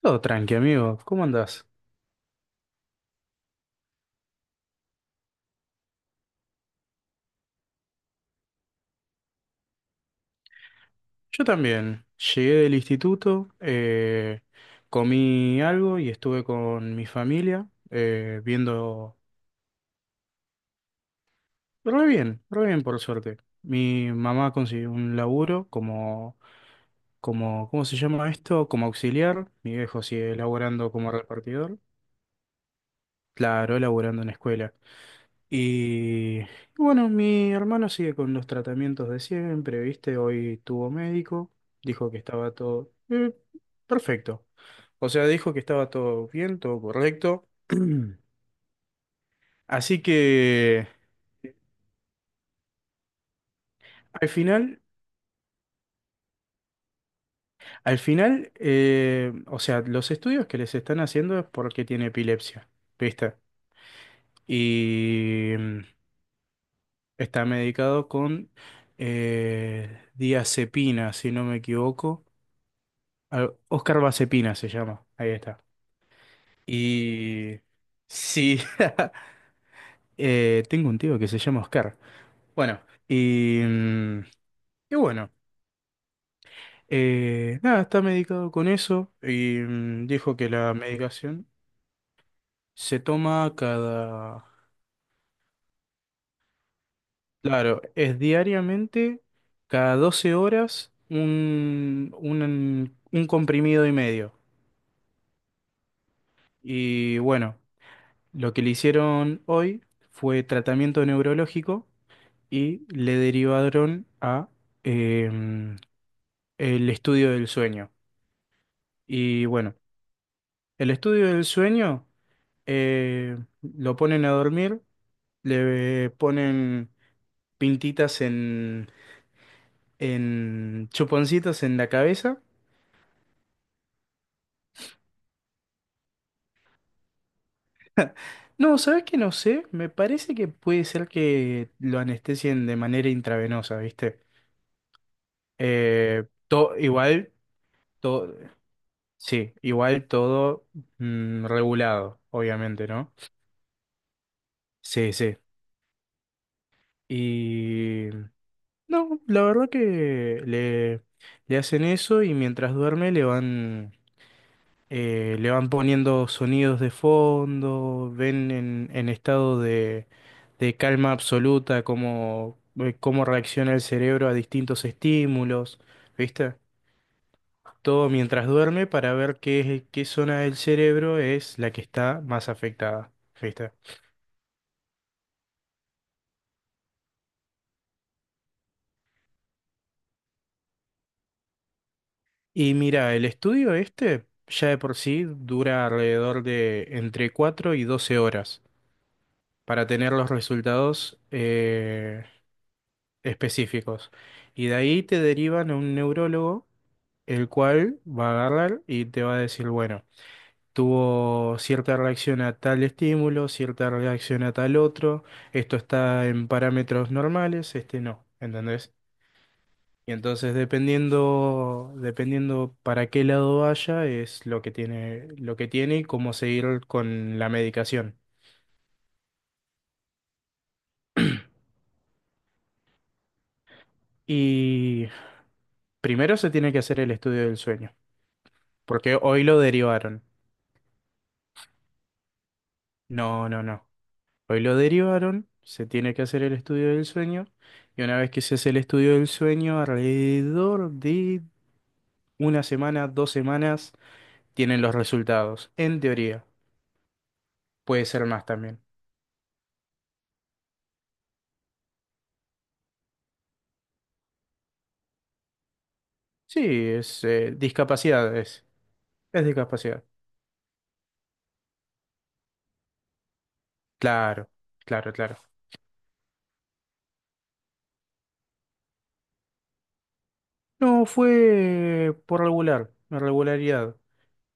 Todo tranqui, amigo. ¿Cómo andás? Yo también. Llegué del instituto, comí algo y estuve con mi familia, viendo. Re bien por suerte. Mi mamá consiguió un laburo como, ¿cómo se llama esto? Como auxiliar. Mi viejo sigue laburando como repartidor. Claro, laburando en escuela. Y bueno, mi hermano sigue con los tratamientos de siempre, ¿viste? Hoy tuvo médico, dijo que estaba todo, perfecto. O sea, dijo que estaba todo bien, todo correcto. Así que al final, o sea, los estudios que les están haciendo es porque tiene epilepsia, ¿viste? Y está medicado con diazepina, si no me equivoco. Oscar Vacepina se llama. Ahí está. Y sí, tengo un tío que se llama Oscar. Bueno, y, mm, y bueno, nada, está medicado con eso y dijo que la medicación se toma claro, es diariamente, cada 12 horas, un comprimido y medio. Y bueno, lo que le hicieron hoy fue tratamiento neurológico y le derivaron a em, el estudio del sueño. Y bueno, el estudio del sueño, lo ponen a dormir, le ponen pintitas en, chuponcitos en la cabeza. No, ¿sabes qué? No sé, me parece que puede ser que lo anestesien de manera intravenosa, ¿viste? Igual, todo, sí, igual todo, regulado, obviamente, ¿no? Sí, sí. Y no, la verdad que le hacen eso y mientras duerme le van poniendo sonidos de fondo, ven en, estado de, calma absoluta cómo reacciona el cerebro a distintos estímulos, ¿viste? Todo mientras duerme para ver qué zona del cerebro es la que está más afectada, ¿viste? Y mira, el estudio este ya de por sí dura alrededor de entre 4 y 12 horas para tener los resultados, específicos. Y de ahí te derivan a un neurólogo, el cual va a agarrar y te va a decir, bueno, tuvo cierta reacción a tal estímulo, cierta reacción a tal otro, esto está en parámetros normales, este no, ¿entendés? Y entonces dependiendo, dependiendo para qué lado vaya, es lo que tiene y cómo seguir con la medicación. Y primero se tiene que hacer el estudio del sueño, porque hoy lo derivaron. No, no, no. Hoy lo derivaron, se tiene que hacer el estudio del sueño, y una vez que se hace el estudio del sueño, alrededor de 1 semana, 2 semanas, tienen los resultados, en teoría. Puede ser más también. Sí, es discapacidades. Es de discapacidad. Claro, claro, claro. No, fue por regularidad.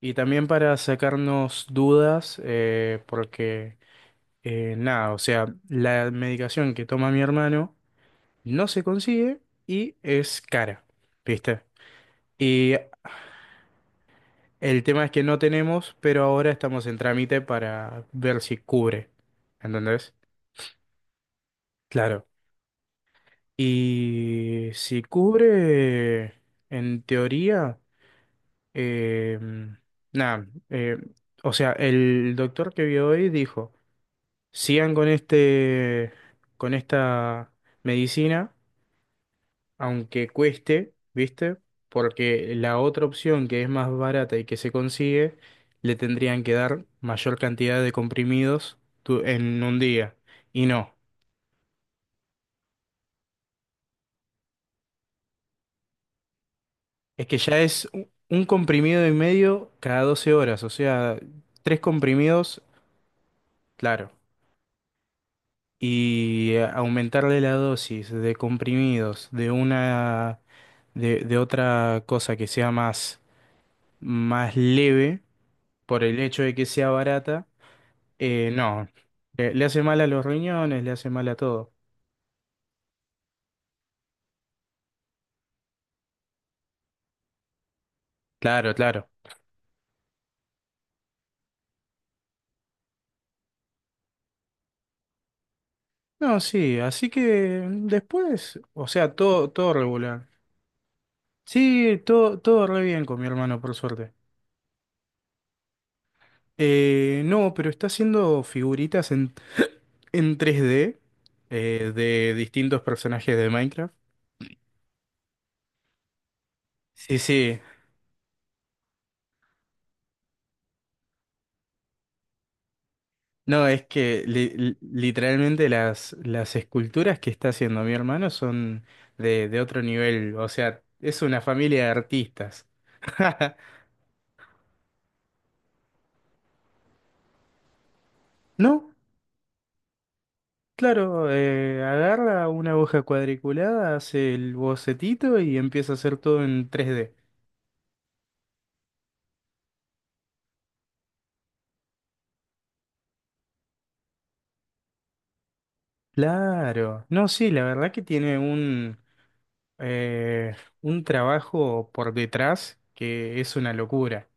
Y también para sacarnos dudas, porque nada, o sea, la medicación que toma mi hermano no se consigue y es cara, ¿viste? Y el tema es que no tenemos, pero ahora estamos en trámite para ver si cubre, ¿entendés? Claro. Y si cubre, en teoría. Eh, nada, o sea, el doctor que vio hoy dijo, sigan con con esta medicina, aunque cueste, ¿viste? Porque la otra opción que es más barata y que se consigue, le tendrían que dar mayor cantidad de comprimidos en un día. Y no, es que ya es un comprimido y medio cada 12 horas, o sea, tres comprimidos, claro. Y aumentarle la dosis de comprimidos de otra cosa que sea más leve por el hecho de que sea barata, no. Le hace mal a los riñones, le hace mal a todo. Claro, claro. No, sí, así que después, o sea, todo regular. Sí, todo re bien con mi hermano, por suerte. No, pero está haciendo figuritas en tres d, de distintos personajes de Minecraft. Sí, sí. No, es que literalmente las esculturas que está haciendo mi hermano son de, otro nivel. O sea, es una familia de artistas. No, claro, agarra una hoja cuadriculada, hace el bocetito y empieza a hacer todo en tres d. Claro. No, sí, la verdad que tiene eh, un trabajo por detrás que es una locura.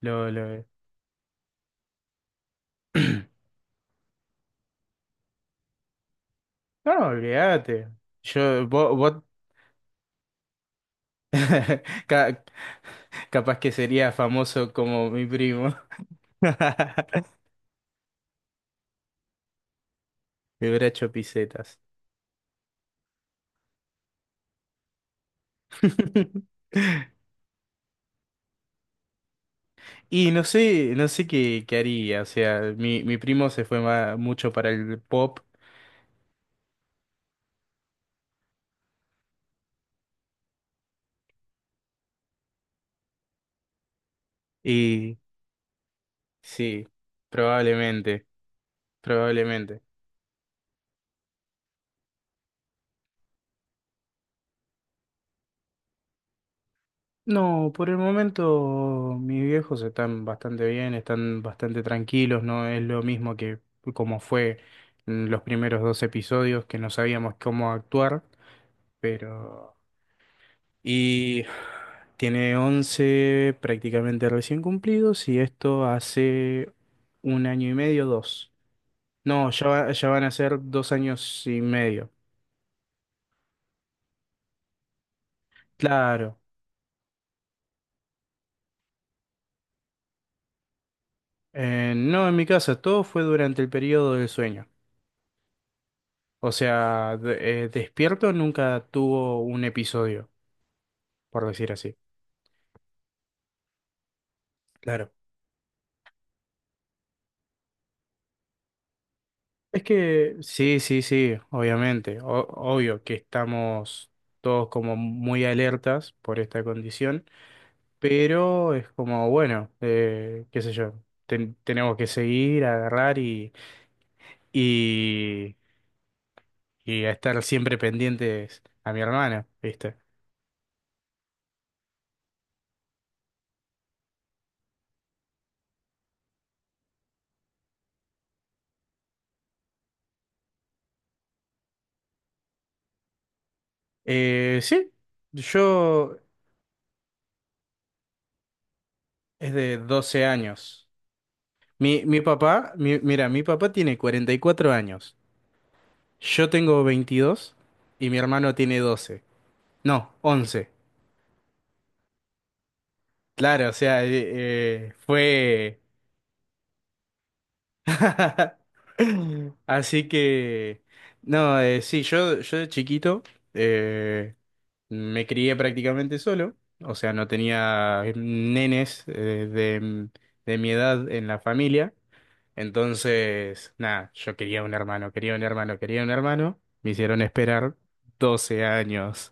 Lo, lo- No, olvídate. Yo, vos, vos- ca- capaz que sería famoso como mi primo. Me hubiera hecho pisetas. Y no sé qué haría. O sea, mi primo se fue mucho para el pop y sí, probablemente, probablemente. No, por el momento mis viejos están bastante bien, están bastante tranquilos, no es lo mismo que como fue en los primeros dos episodios que no sabíamos cómo actuar, pero. Y tiene 11 prácticamente recién cumplidos y esto hace 1 año y medio, dos. No, ya, ya van a ser 2 años y medio. Claro. No, en mi casa, todo fue durante el periodo del sueño. O sea, despierto nunca tuvo un episodio, por decir así. Claro. Es que sí, sí, sí, obviamente. Obvio que estamos todos como muy alertas por esta condición, pero es como, bueno, qué sé yo, tenemos que seguir, agarrar y, y a estar siempre pendientes a mi hermana, ¿viste? Sí, yo es de 12 años. Mira, mi papá tiene 44 años, yo tengo 22 y mi hermano tiene 12. No, 11. Claro, o sea, fue. Así que, no, sí, yo de chiquito eh, me crié prácticamente solo, o sea, no tenía nenes, de, mi edad en la familia. Entonces, nada, yo quería un hermano, quería un hermano, quería un hermano. Me hicieron esperar 12 años.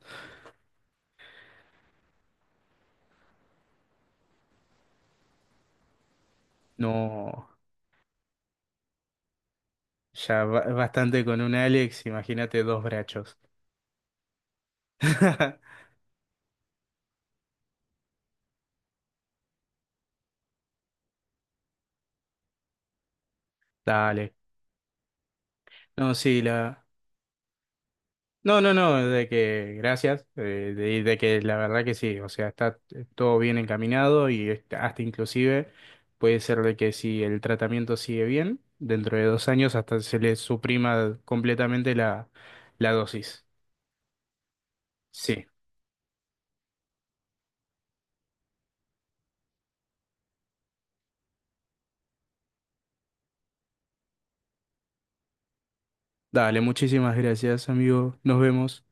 No, ya bastante con un Alex, imagínate dos brachos. Dale. No, sí, no, no, no, de que gracias, de, que la verdad que sí, o sea, está todo bien encaminado y hasta inclusive puede ser de que si el tratamiento sigue bien, dentro de 2 años hasta se le suprima completamente la dosis. Sí. Dale, muchísimas gracias, amigo. Nos vemos.